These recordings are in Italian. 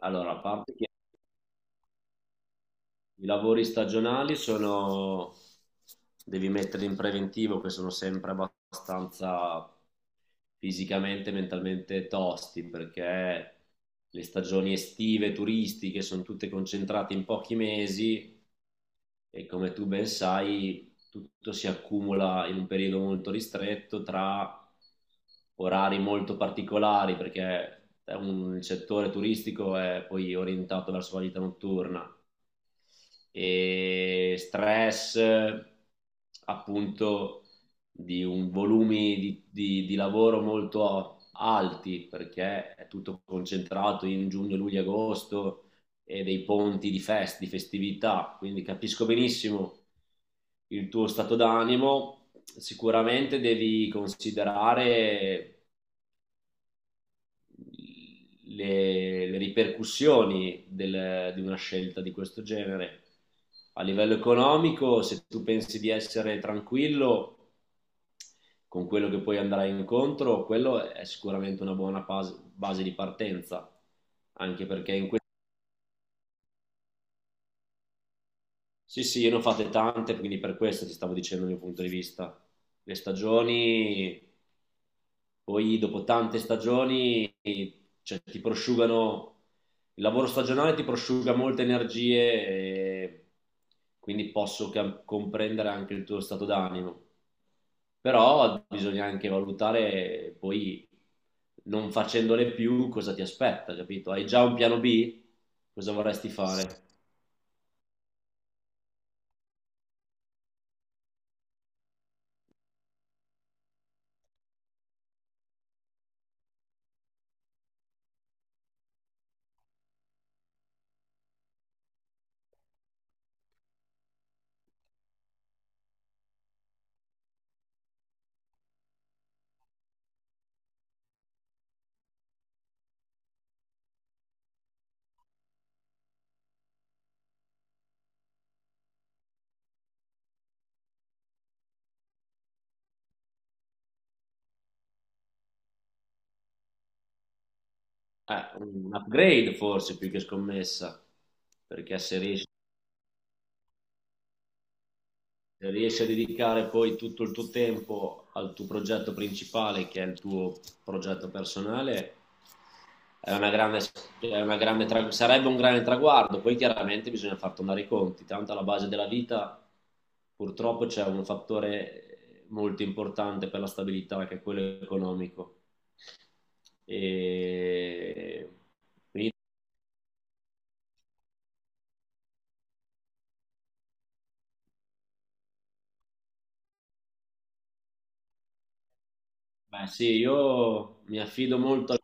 Allora, a parte che i lavori stagionali sono, devi mettere in preventivo che sono sempre abbastanza fisicamente e mentalmente tosti perché le stagioni estive, turistiche sono tutte concentrate in pochi mesi e come tu ben sai tutto si accumula in un periodo molto ristretto tra orari molto particolari perché il settore turistico è poi orientato verso la vita notturna e stress appunto di un volumi di lavoro molto alti perché è tutto concentrato in giugno, luglio, agosto e dei ponti di festività, quindi capisco benissimo il tuo stato d'animo. Sicuramente devi considerare le ripercussioni di una scelta di questo genere. A livello economico, se tu pensi di essere tranquillo con quello che poi andrai incontro, quello è sicuramente una buona base di partenza, anche perché in questo... Sì, sì, io ne ho fatte tante, quindi per questo ti stavo dicendo il mio punto di vista. Le stagioni, poi dopo tante stagioni, cioè, ti prosciugano, il lavoro stagionale ti prosciuga molte energie e quindi posso comprendere anche il tuo stato d'animo. Però bisogna anche valutare poi non facendole più cosa ti aspetta, capito? Hai già un piano B? Cosa vorresti fare? Un upgrade forse più che scommessa, perché se riesci, riesci a dedicare poi tutto il tuo tempo al tuo progetto principale, che è il tuo progetto personale, è una grande, è una grande sarebbe un grande traguardo. Poi chiaramente bisogna far tornare i conti. Tanto alla base della vita purtroppo c'è un fattore molto importante per la stabilità, che è quello economico. E quindi, beh, sì, io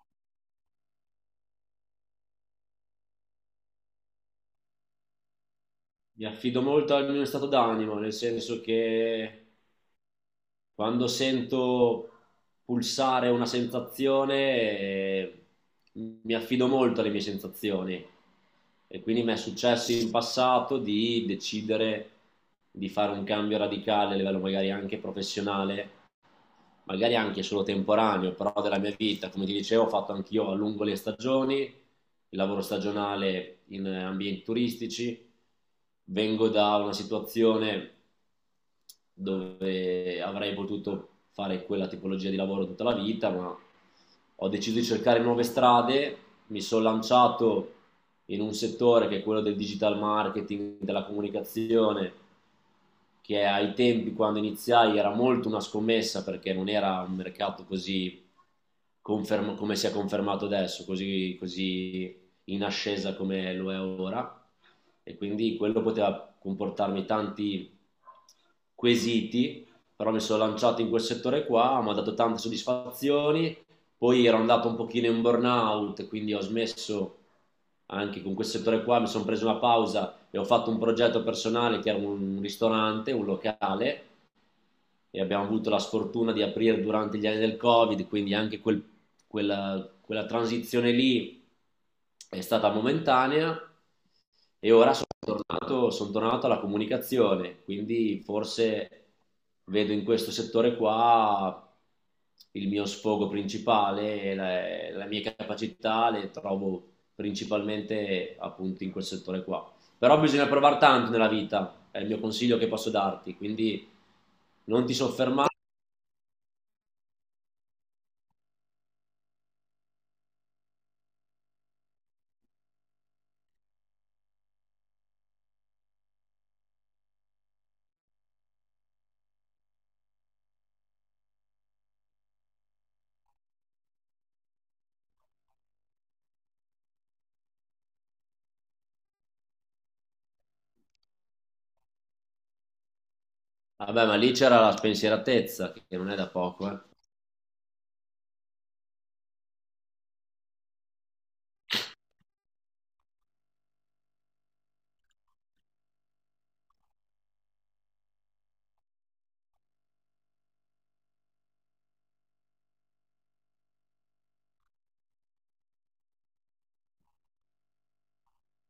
mi affido molto al mio stato d'animo, nel senso che quando sento pulsare una sensazione, eh, mi affido molto alle mie sensazioni e quindi mi è successo in passato di decidere di fare un cambio radicale a livello magari anche professionale, magari anche solo temporaneo, però della mia vita, come ti dicevo, ho fatto anch'io a lungo le stagioni, il lavoro stagionale in ambienti turistici, vengo da una situazione dove avrei potuto fare quella tipologia di lavoro tutta la vita, ma ho deciso di cercare nuove strade, mi sono lanciato in un settore che è quello del digital marketing, della comunicazione, che ai tempi quando iniziai era molto una scommessa perché non era un mercato così come si è confermato adesso, così, così in ascesa come lo è ora e quindi quello poteva comportarmi tanti quesiti, però mi sono lanciato in quel settore qua, mi ha dato tante soddisfazioni, poi ero andato un pochino in burnout, quindi ho smesso anche con quel settore qua, mi sono preso una pausa e ho fatto un progetto personale che era un ristorante, un locale, e abbiamo avuto la sfortuna di aprire durante gli anni del Covid, quindi anche quella transizione lì è stata momentanea e ora sono tornato alla comunicazione, quindi forse vedo in questo settore qua il mio sfogo principale, la mia capacità le trovo principalmente appunto in quel settore qua. Però bisogna provare tanto nella vita, è il mio consiglio che posso darti, quindi non ti soffermare. Vabbè, ma lì c'era la spensieratezza, che non è da poco, eh.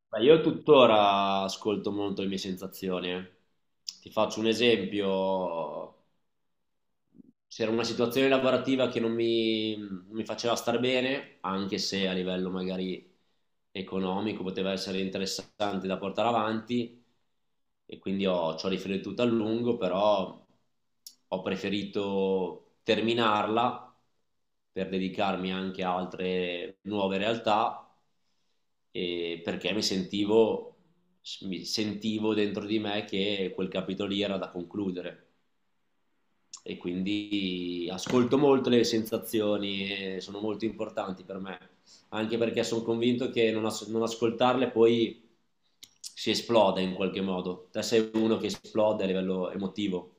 Ma io tuttora ascolto molto le mie sensazioni, eh. Ti faccio un esempio. C'era una situazione lavorativa che non mi faceva star bene, anche se a livello magari economico poteva essere interessante da portare avanti e quindi ci ho riflettuto a lungo, però ho preferito terminarla per dedicarmi anche a altre nuove realtà e perché mi sentivo dentro di me che quel capitolo lì era da concludere e quindi ascolto molto le sensazioni, e sono molto importanti per me, anche perché sono convinto che non ascoltarle poi si esplode in qualche modo. Te sei uno che esplode a livello emotivo.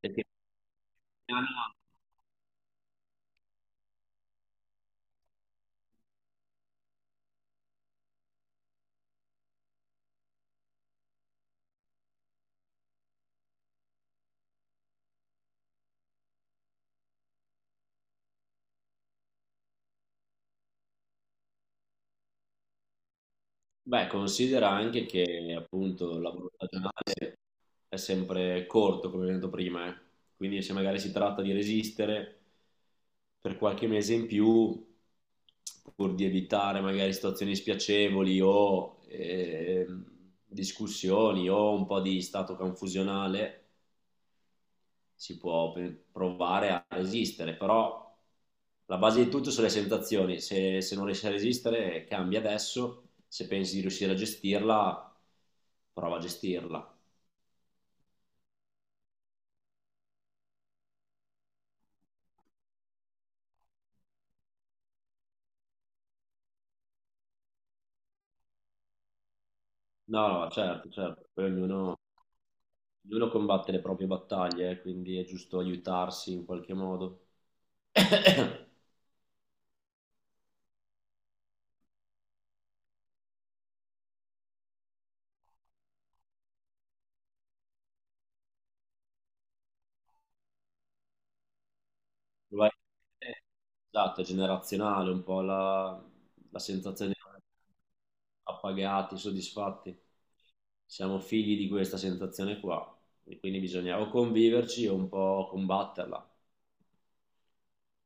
Perché, beh, considera anche che appunto il lavoro stagionale è sempre corto, come abbiamo detto prima, eh. Quindi se magari si tratta di resistere per qualche mese in più, pur di evitare magari situazioni spiacevoli o discussioni o un po' di stato confusionale, si può provare a resistere, però la base di tutto sono le sensazioni, se non riesci a resistere cambia adesso, se pensi di riuscire a gestirla, prova a gestirla. No, no, certo, certo, poi ognuno, ognuno combatte le proprie battaglie, quindi è giusto aiutarsi in qualche modo. Probabilmente, esatto, è generazionale un po' la sensazione di non appagati, soddisfatti. Siamo figli di questa sensazione qua, e quindi bisogna o conviverci o un po' combatterla.